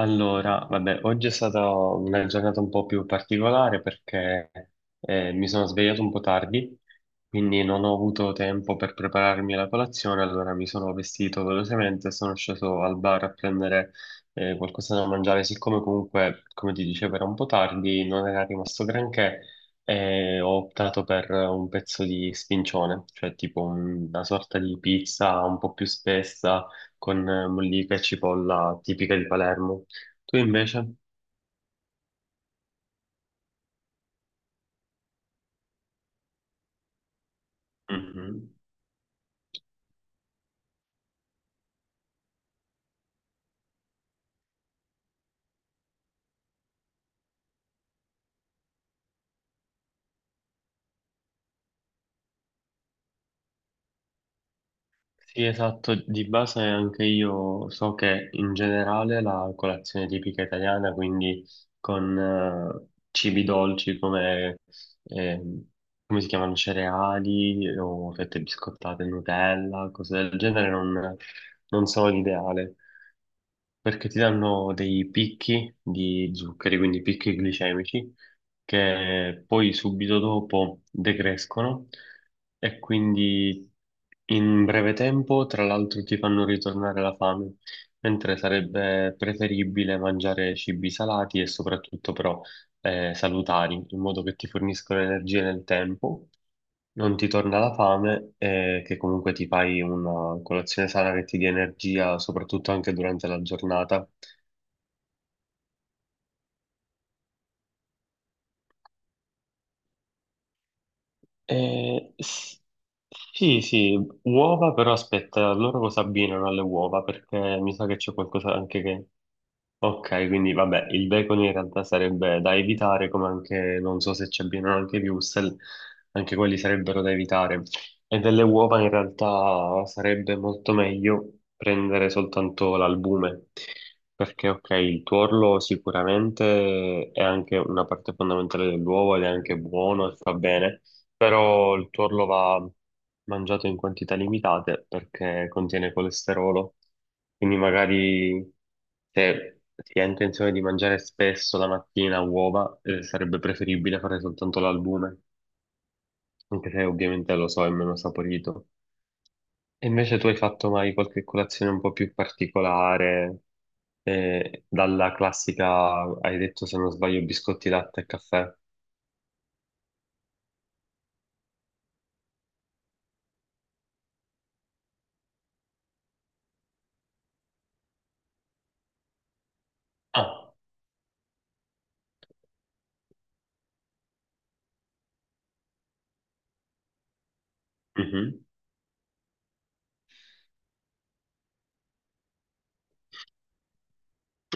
Allora, vabbè, oggi è stata una giornata un po' più particolare perché mi sono svegliato un po' tardi, quindi non ho avuto tempo per prepararmi la colazione, allora mi sono vestito velocemente e sono sceso al bar a prendere qualcosa da mangiare, siccome comunque, come ti dicevo, era un po' tardi, non era rimasto granché. Ho optato per un pezzo di spincione, cioè tipo una sorta di pizza un po' più spessa con mollica e cipolla tipica di Palermo. Tu invece? Mhm. Sì, esatto, di base anche io so che in generale la colazione tipica italiana, quindi con cibi dolci come, ehm, come si chiamano, cereali o fette biscottate, Nutella, cose del genere, non sono l'ideale, perché ti danno dei picchi di zuccheri, quindi picchi glicemici, che poi subito dopo decrescono e quindi in breve tempo, tra l'altro, ti fanno ritornare la fame, mentre sarebbe preferibile mangiare cibi salati e soprattutto però salutari, in modo che ti forniscono energie nel tempo, non ti torna la fame e che comunque ti fai una colazione sana che ti dia energia, soprattutto anche durante la giornata. Eh, s- sì, sì, uova, però aspetta, loro cosa abbinano alle uova? Perché mi sa che c'è qualcosa anche che. Ok, quindi vabbè, il bacon in realtà sarebbe da evitare, come anche, non so se ci abbiano anche i wurstel, anche quelli sarebbero da evitare. E delle uova in realtà sarebbe molto meglio prendere soltanto l'albume, perché ok, il tuorlo sicuramente è anche una parte fondamentale dell'uovo ed è anche buono e fa bene, però il tuorlo va mangiato in quantità limitate perché contiene colesterolo, quindi magari se si ha intenzione di mangiare spesso la mattina uova, sarebbe preferibile fare soltanto l'albume, anche se ovviamente lo so, è meno saporito. E invece tu hai fatto mai qualche colazione un po' più particolare, dalla classica, hai detto se non sbaglio, biscotti, latte e caffè? Ah, mhm.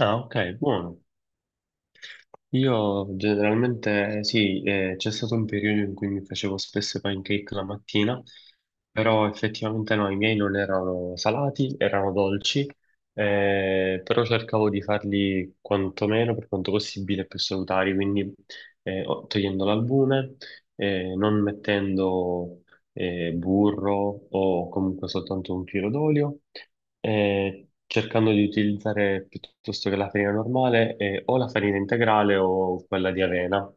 Ah, ok, buono. Io generalmente sì, c'è stato un periodo in cui mi facevo spesso i pancake la mattina, però effettivamente no, i miei non erano salati, erano dolci, però cercavo di farli quantomeno per quanto possibile più salutari, quindi togliendo l'albume, non mettendo burro o comunque soltanto un filo d'olio, cercando di utilizzare piuttosto che la farina normale, o la farina integrale o quella di avena,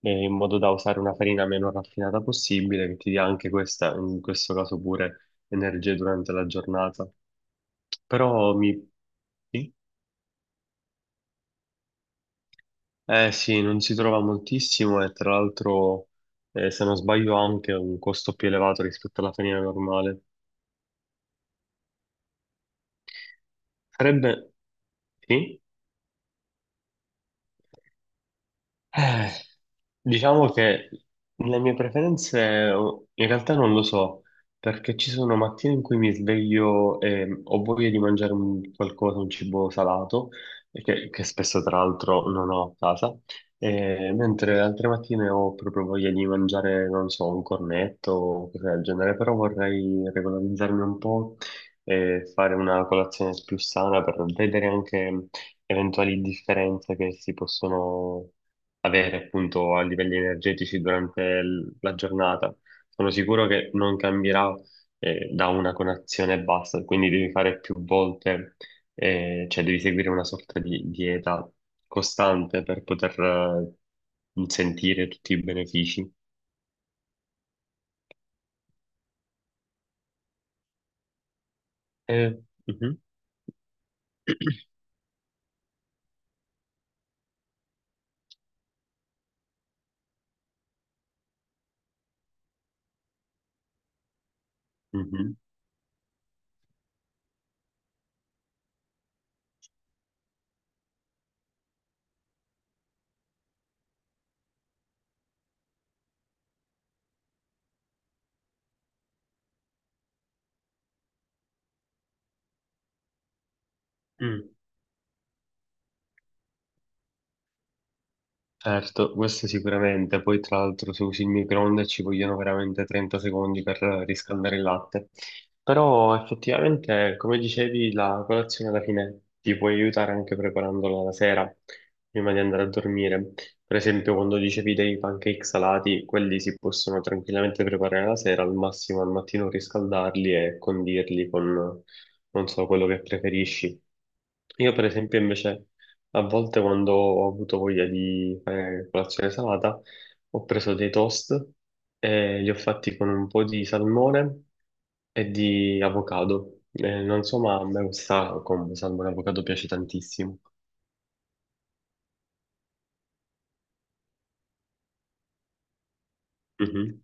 in modo da usare una farina meno raffinata possibile, che ti dia anche questa, in questo caso pure, energie durante la giornata. Però mi... sì? Eh sì, non si trova moltissimo e tra l'altro, se non sbaglio, ha anche un costo più elevato rispetto alla farina normale. Sarebbe... Sì? Eh, diciamo che le mie preferenze oh, in realtà non lo so, perché ci sono mattine in cui mi sveglio e ho voglia di mangiare un qualcosa, un cibo salato, e che spesso tra l'altro non ho a casa, e mentre altre mattine ho proprio voglia di mangiare, non so, un cornetto o cose del genere, però vorrei regolarizzarmi un po' e fare una colazione più sana per vedere anche eventuali differenze che si possono avere appunto a livelli energetici durante la giornata. Sono sicuro che non cambierà da una colazione e basta, quindi devi fare più volte, cioè devi seguire una sorta di dieta costante per poter sentire tutti i benefici. Eh, mhm. Mhm. Mm. Certo, questo sicuramente. Poi tra l'altro se usi il microonde ci vogliono veramente 30 secondi per riscaldare il latte. Però effettivamente, come dicevi, la colazione alla fine ti può aiutare anche preparandola la sera, prima di andare a dormire. Per esempio, quando dicevi dei pancake salati, quelli si possono tranquillamente preparare la sera, al massimo al mattino riscaldarli e condirli con, non so, quello che preferisci. Io per esempio invece a volte quando ho avuto voglia di fare colazione salata, ho preso dei toast e li ho fatti con un po' di salmone e di avocado. Non so, ma a me questa combo salmone e avocado piace tantissimo. Mhm.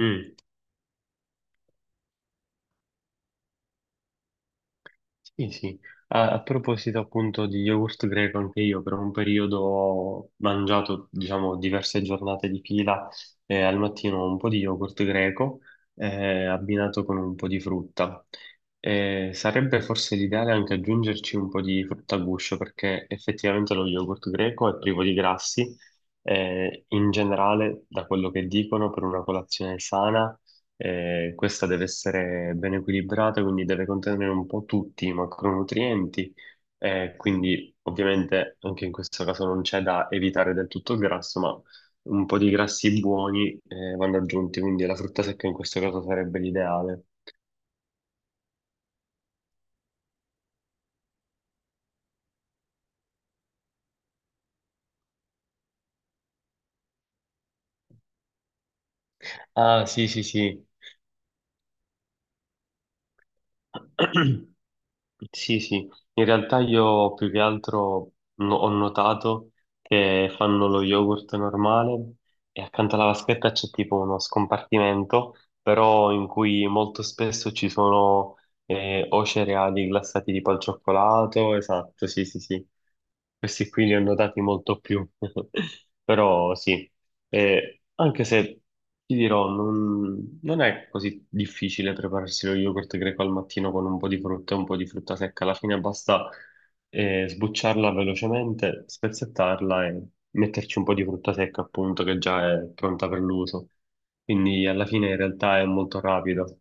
Mm. Sì, sì. A, a proposito appunto di yogurt greco, anche io per un periodo ho mangiato, diciamo, diverse giornate di fila al mattino un po' di yogurt greco abbinato con un po' di frutta. Sarebbe forse l'ideale anche aggiungerci un po' di frutta a guscio perché effettivamente lo yogurt greco è privo di grassi. In generale, da quello che dicono, per una colazione sana questa deve essere ben equilibrata, quindi deve contenere un po' tutti i macronutrienti, quindi ovviamente anche in questo caso non c'è da evitare del tutto il grasso, ma un po' di grassi buoni, vanno aggiunti, quindi la frutta secca in questo caso sarebbe l'ideale. Ah, sì, sì, sì. Sì, sì, in realtà io più che altro ho notato che fanno lo yogurt normale e accanto alla vaschetta c'è tipo uno scompartimento, però in cui molto spesso ci sono o cereali glassati tipo al cioccolato, esatto, sì, sì, sì, questi qui li ho notati molto più, però sì. Anche se ti dirò, non è così difficile prepararsi lo yogurt greco al mattino con un po' di frutta e un po' di frutta secca. Alla fine basta sbucciarla velocemente, spezzettarla e metterci un po' di frutta secca, appunto, che già è pronta per l'uso. Quindi alla fine in realtà è molto rapido.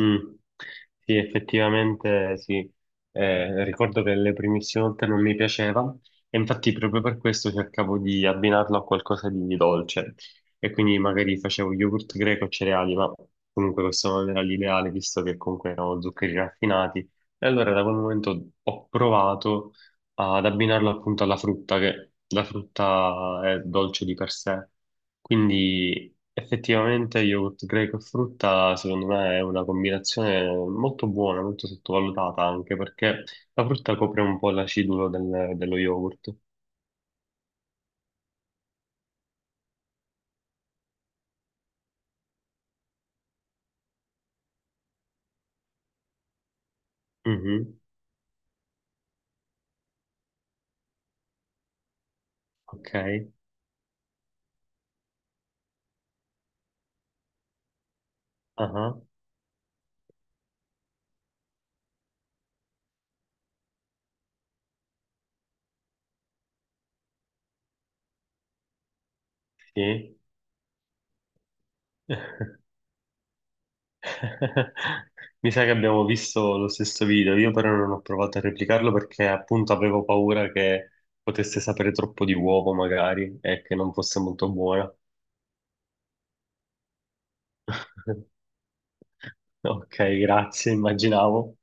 Mm. Sì, effettivamente sì. Ricordo che le primissime volte non mi piaceva e infatti proprio per questo cercavo di abbinarlo a qualcosa di dolce e quindi magari facevo yogurt greco e cereali, ma comunque questo non era l'ideale visto che comunque erano zuccheri raffinati e allora da quel momento ho provato ad abbinarlo appunto alla frutta, che la frutta è dolce di per sé, quindi effettivamente yogurt greco e frutta secondo me è una combinazione molto buona, molto sottovalutata anche perché la frutta copre un po' l'acidulo dello yogurt. Mhm. Ok, ah, sì. Mi sa che abbiamo visto lo stesso video, io però non ho provato a replicarlo perché appunto avevo paura che potesse sapere troppo di uovo magari e che non fosse molto buona. Ok, grazie, immaginavo.